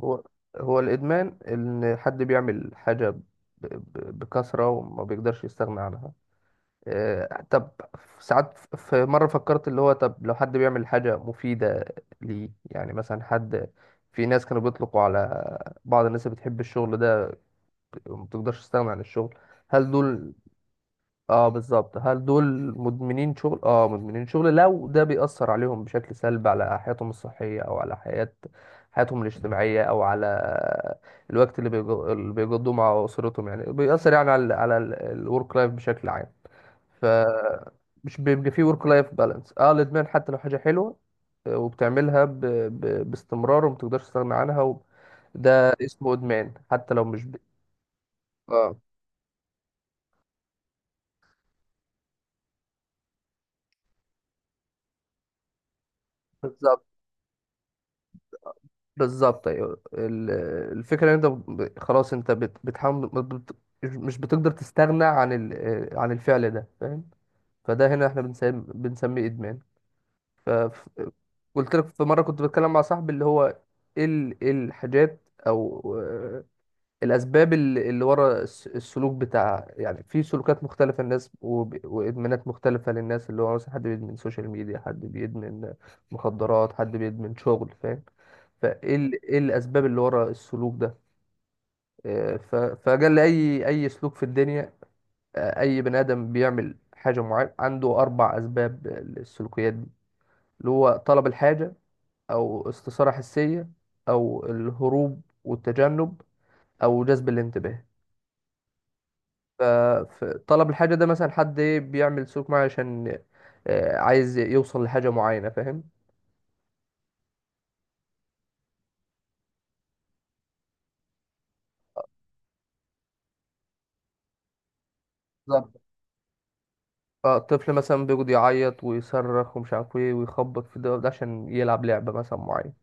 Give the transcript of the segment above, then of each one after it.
هو هو الإدمان إن حد بيعمل حاجة بكثرة وما بيقدرش يستغنى عنها. طب ساعات في مرة فكرت اللي هو طب لو حد بيعمل حاجة مفيدة ليه، يعني مثلا حد، في ناس كانوا بيطلقوا على بعض الناس اللي بتحب الشغل ده وما بتقدرش تستغنى عن الشغل، هل دول، اه بالظبط، هل دول مدمنين شغل؟ اه، مدمنين شغل لو ده بيأثر عليهم بشكل سلبي على حياتهم الصحية او على حياتهم الاجتماعية او على الوقت اللي اللي بيقضوه مع اسرتهم، يعني بيأثر يعني على على الورك لايف بشكل عام. ف مش بيبقى فيه ورك لايف بالانس، اه الادمان حتى لو حاجة حلوة وبتعملها باستمرار ومتقدرش تستغنى عنها ده اسمه ادمان حتى لو مش اه بالظبط. بالظبط ايوه، الفكره ان انت خلاص انت بت- بتحاول ما بت- مش بتقدر تستغنى عن عن الفعل ده، فاهم؟ فده هنا احنا بنسميه ادمان. ف ف- قلت لك في مره كنت بتكلم مع صاحبي اللي هو ايه إيه الحاجات او الاسباب اللي ورا السلوك بتاع، يعني في سلوكات مختلفه للناس وادمانات مختلفه للناس، اللي هو مثلا حد بيدمن سوشيال ميديا، حد بيدمن مخدرات، حد بيدمن شغل، فاهم؟ ايه الاسباب اللي ورا السلوك ده. فجل اي سلوك في الدنيا، اي بني ادم بيعمل حاجه معينه عنده اربع اسباب للسلوكيات دي، اللي هو طلب الحاجه، او استثاره حسيه، او الهروب والتجنب، او جذب الانتباه. ف- فطلب الحاجة ده مثلا حد إيه، بيعمل سلوك معين عشان عايز يوصل لحاجة معينة، فاهم؟ بالظبط. فالطفل مثلا بيقعد يعيط ويصرخ ومش عارف ايه ويخبط في ده وده عشان يلعب لعبة مثلا معينة.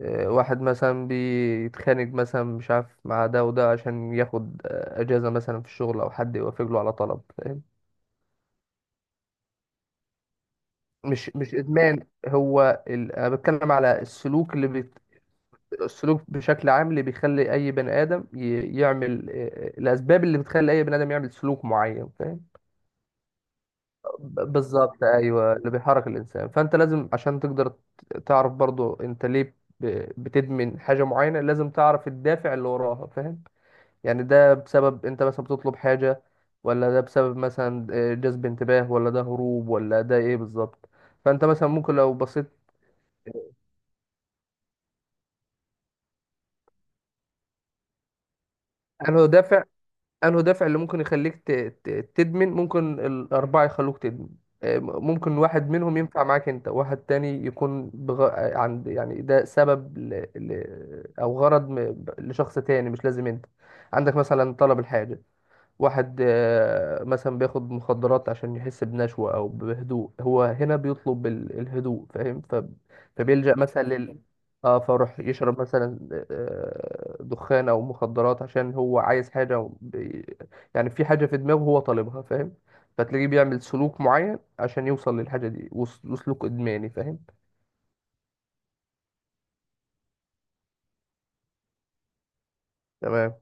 واحد مثلا بيتخانق مثلا مش عارف مع ده وده عشان ياخد أجازة مثلا في الشغل أو حد يوافق له على طلب، فاهم؟ مش إدمان، هو أنا بتكلم على السلوك اللي، السلوك بشكل عام اللي بيخلي اي بني ادم يعمل، الاسباب اللي بتخلي اي بني ادم يعمل سلوك معين، فاهم؟ بالظبط ايوه، اللي بيحرك الانسان. فانت لازم عشان تقدر تعرف برضو انت ليه بتدمن حاجه معينه، لازم تعرف الدافع اللي وراها، فاهم؟ يعني ده بسبب انت مثلا بتطلب حاجه، ولا ده بسبب مثلا جذب انتباه، ولا ده هروب، ولا ده ايه بالظبط. فانت مثلا ممكن لو بصيت، هل هو دافع، انه دافع اللي ممكن يخليك تدمن؟ ممكن الاربعه يخلوك تدمن. ممكن واحد منهم ينفع معاك انت، واحد تاني يكون بغ... آه، عند، يعني ده سبب او غرض لشخص تاني، مش لازم انت عندك مثلا طلب الحاجه. واحد مثلا بياخد مخدرات عشان يحس بنشوة أو بهدوء، هو هنا بيطلب الهدوء، فاهم؟ فبيلجأ مثلا لل، اه فروح يشرب مثلا دخان أو مخدرات عشان هو عايز حاجة يعني في حاجة في دماغه هو طالبها، فاهم؟ فتلاقيه بيعمل سلوك معين عشان يوصل للحاجة دي وسلوك إدماني، فاهم؟ تمام.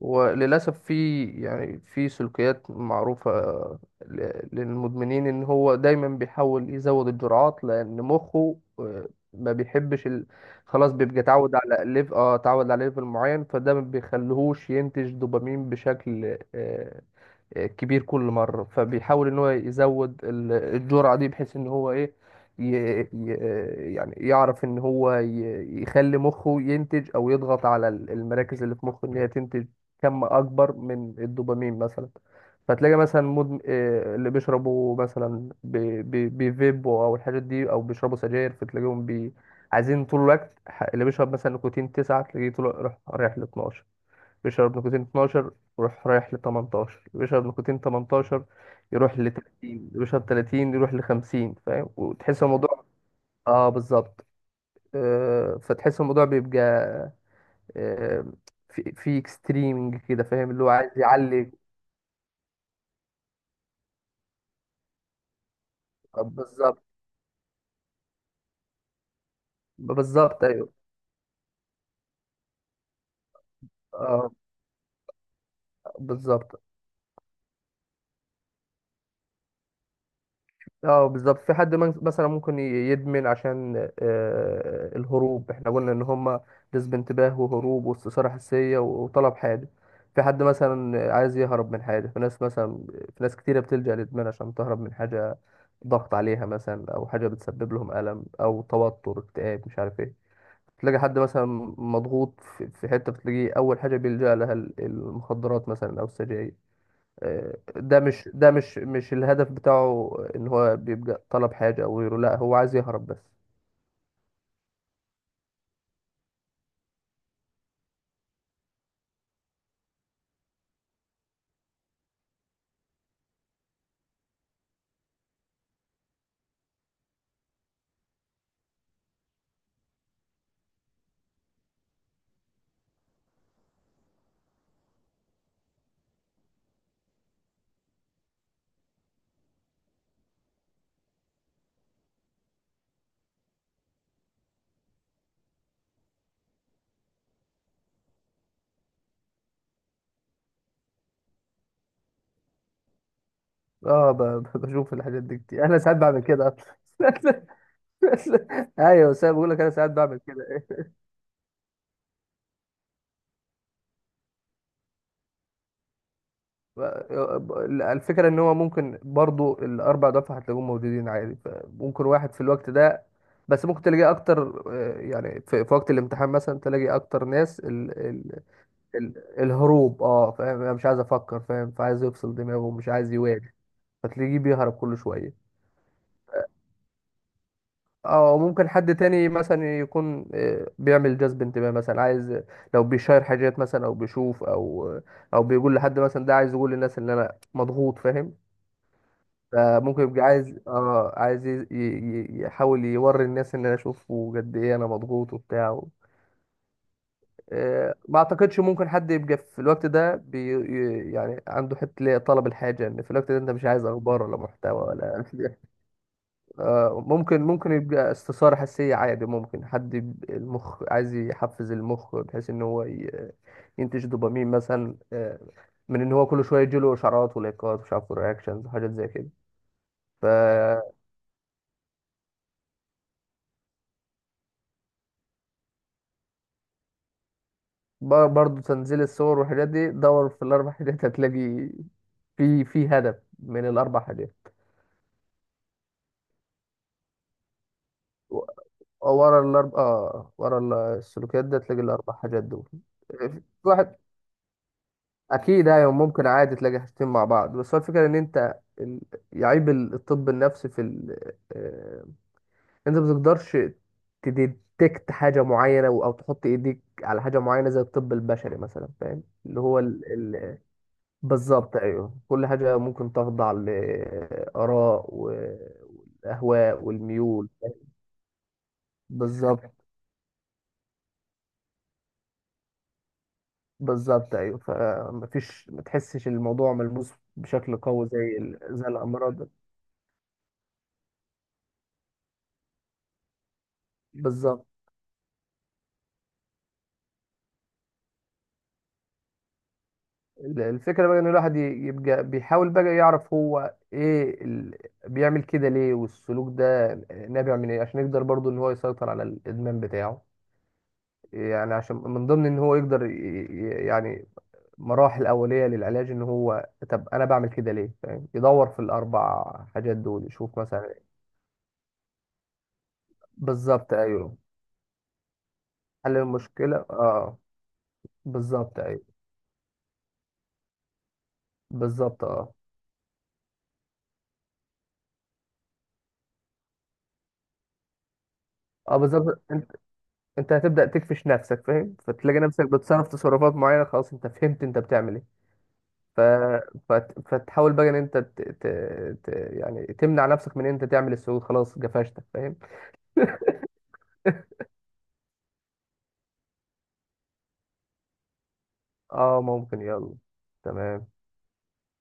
وللأسف في يعني في سلوكيات معروفة للمدمنين، إن هو دايما بيحاول يزود الجرعات لأن مخه ما بيحبش خلاص بيبقى اتعود على ليف اه اتعود على ليفل معين، فده ما بيخليهوش ينتج دوبامين بشكل كبير كل مرة، فبيحاول ان هو يزود الجرعة دي بحيث ان هو ايه، ي... ي... يعني يعرف ان هو يخلي مخه ينتج او يضغط على المراكز اللي في مخه ان هي تنتج كم اكبر من الدوبامين مثلا. فتلاقي مثلا مدم... آه، اللي بيشربوا مثلا بيفيبوا او الحاجات دي او بيشربوا سجاير، فتلاقيهم عايزين طول الوقت اللي بيشرب مثلا نيكوتين 9 تلاقيه طول رايح ل 12، بيشرب نيكوتين 12 يروح رايح ل 18، بيشرب نيكوتين 18 يروح ل 30، بيشرب 30 يروح ل 50، فاهم؟ وتحس الموضوع، اه بالظبط. فتحس الموضوع بيبقى آه في في اكستريمنج كده، فاهم؟ اللي هو عايز يعلي. بالظبط. بالظبط ايوه. اه بالظبط. اه بالظبط. في حد مثلا ممكن يدمن عشان الهروب، احنا قلنا ان هما جذب انتباه وهروب واستثارة حسية وطلب حاجة. في حد مثلا عايز يهرب من حاجة، في ناس مثلا، في ناس كتيرة بتلجأ للإدمان عشان تهرب من حاجة ضغط عليها مثلا، أو حاجة بتسبب لهم ألم أو توتر اكتئاب مش عارف ايه. تلاقي حد مثلا مضغوط في في حتة، بتلاقيه أول حاجة بيلجأ لها المخدرات مثلا أو السجاير. ده مش الهدف بتاعه ان هو بيبقى طلب حاجه او غيره، لا هو عايز يهرب بس. اه، بشوف الحاجات دي كتير انا ساعات بعمل كده. أصلاً. ايوه، بس أنا بقول لك انا ساعات بعمل كده. ب- الفكره ان هو ممكن برضو الاربع دفع هتلاقيهم موجودين عادي، ممكن واحد في الوقت ده، بس ممكن تلاقي اكتر. يعني في في وقت الامتحان مثلا تلاقي اكتر ناس ال ال ال الهروب، اه فاهم؟ أنا مش عايز افكر، فاهم؟ فعايز يفصل دماغه ومش عايز يواجه، فتلاقيه بيهرب كل شوية. أو ممكن حد تاني مثلا يكون بيعمل جذب انتباه مثلا، عايز لو بيشير حاجات مثلا أو بيشوف، أو أو بيقول لحد مثلا، ده عايز يقول للناس إن أنا مضغوط، فاهم؟ فممكن يبقى عايز، اه عايز يحاول يوري الناس ان انا اشوفه قد ايه انا مضغوط وبتاع ما اعتقدش ممكن حد يبقى في الوقت ده يعني عنده حته اللي هي طلب الحاجه، ان في الوقت ده انت مش عايز اخبار ولا محتوى ولا ممكن يبقى استثارة حسية عادي، ممكن حد المخ عايز يحفز المخ بحيث ان هو ينتج دوبامين مثلا، من ان هو كل شوية يجيله اشعارات ولايكات ومش عارف رياكشنز وحاجات زي كده. ف برضه تنزيل الصور والحاجات دي دور في الاربع حاجات، هتلاقي في في هدف من الاربع حاجات. و- ورا الاربع، اه ورا السلوكيات ده تلاقي الاربع حاجات دول. في واحد، اكيد ايوه ممكن عادي تلاقي حاجتين مع بعض، بس هو الفكره ان انت يعيب الطب النفسي في ال... آه، انت ما بتقدرش تديتكت حاجه معينه او تحط ايديك على حاجه معينه زي الطب البشري مثلا، فاهم؟ اللي هو بالظبط ايوه. كل حاجه ممكن تخضع لاراء والاهواء والميول. بالظبط. بالظبط ايوه، فمفيش، ما تحسش الموضوع ملموس بشكل قوي زي الامراض. بالظبط. الفكرة بقى ان الواحد يبقى بيحاول بقى يعرف هو ايه بيعمل كده ليه، والسلوك ده نابع من ايه، عشان يقدر برضو ان هو يسيطر على الادمان بتاعه. يعني عشان من ضمن ان هو يقدر يعني مراحل اولية للعلاج ان هو طب انا بعمل كده ليه، فاهم؟ يدور في الاربع حاجات دول يشوف مثلا. بالظبط ايوه. حل المشكلة، اه بالظبط ايوه. بالظبط. اه. اه بالظبط. انت هتبدأ تكفش نفسك، فاهم؟ فتلاقي نفسك بتصرف تصرفات معينة، خلاص انت فهمت انت بتعمل ايه. ف... فتحاول بقى ان انت يعني تمنع نفسك من ان انت تعمل السجود، خلاص جفشتك، فاهم؟ اه ممكن، يلا، تمام.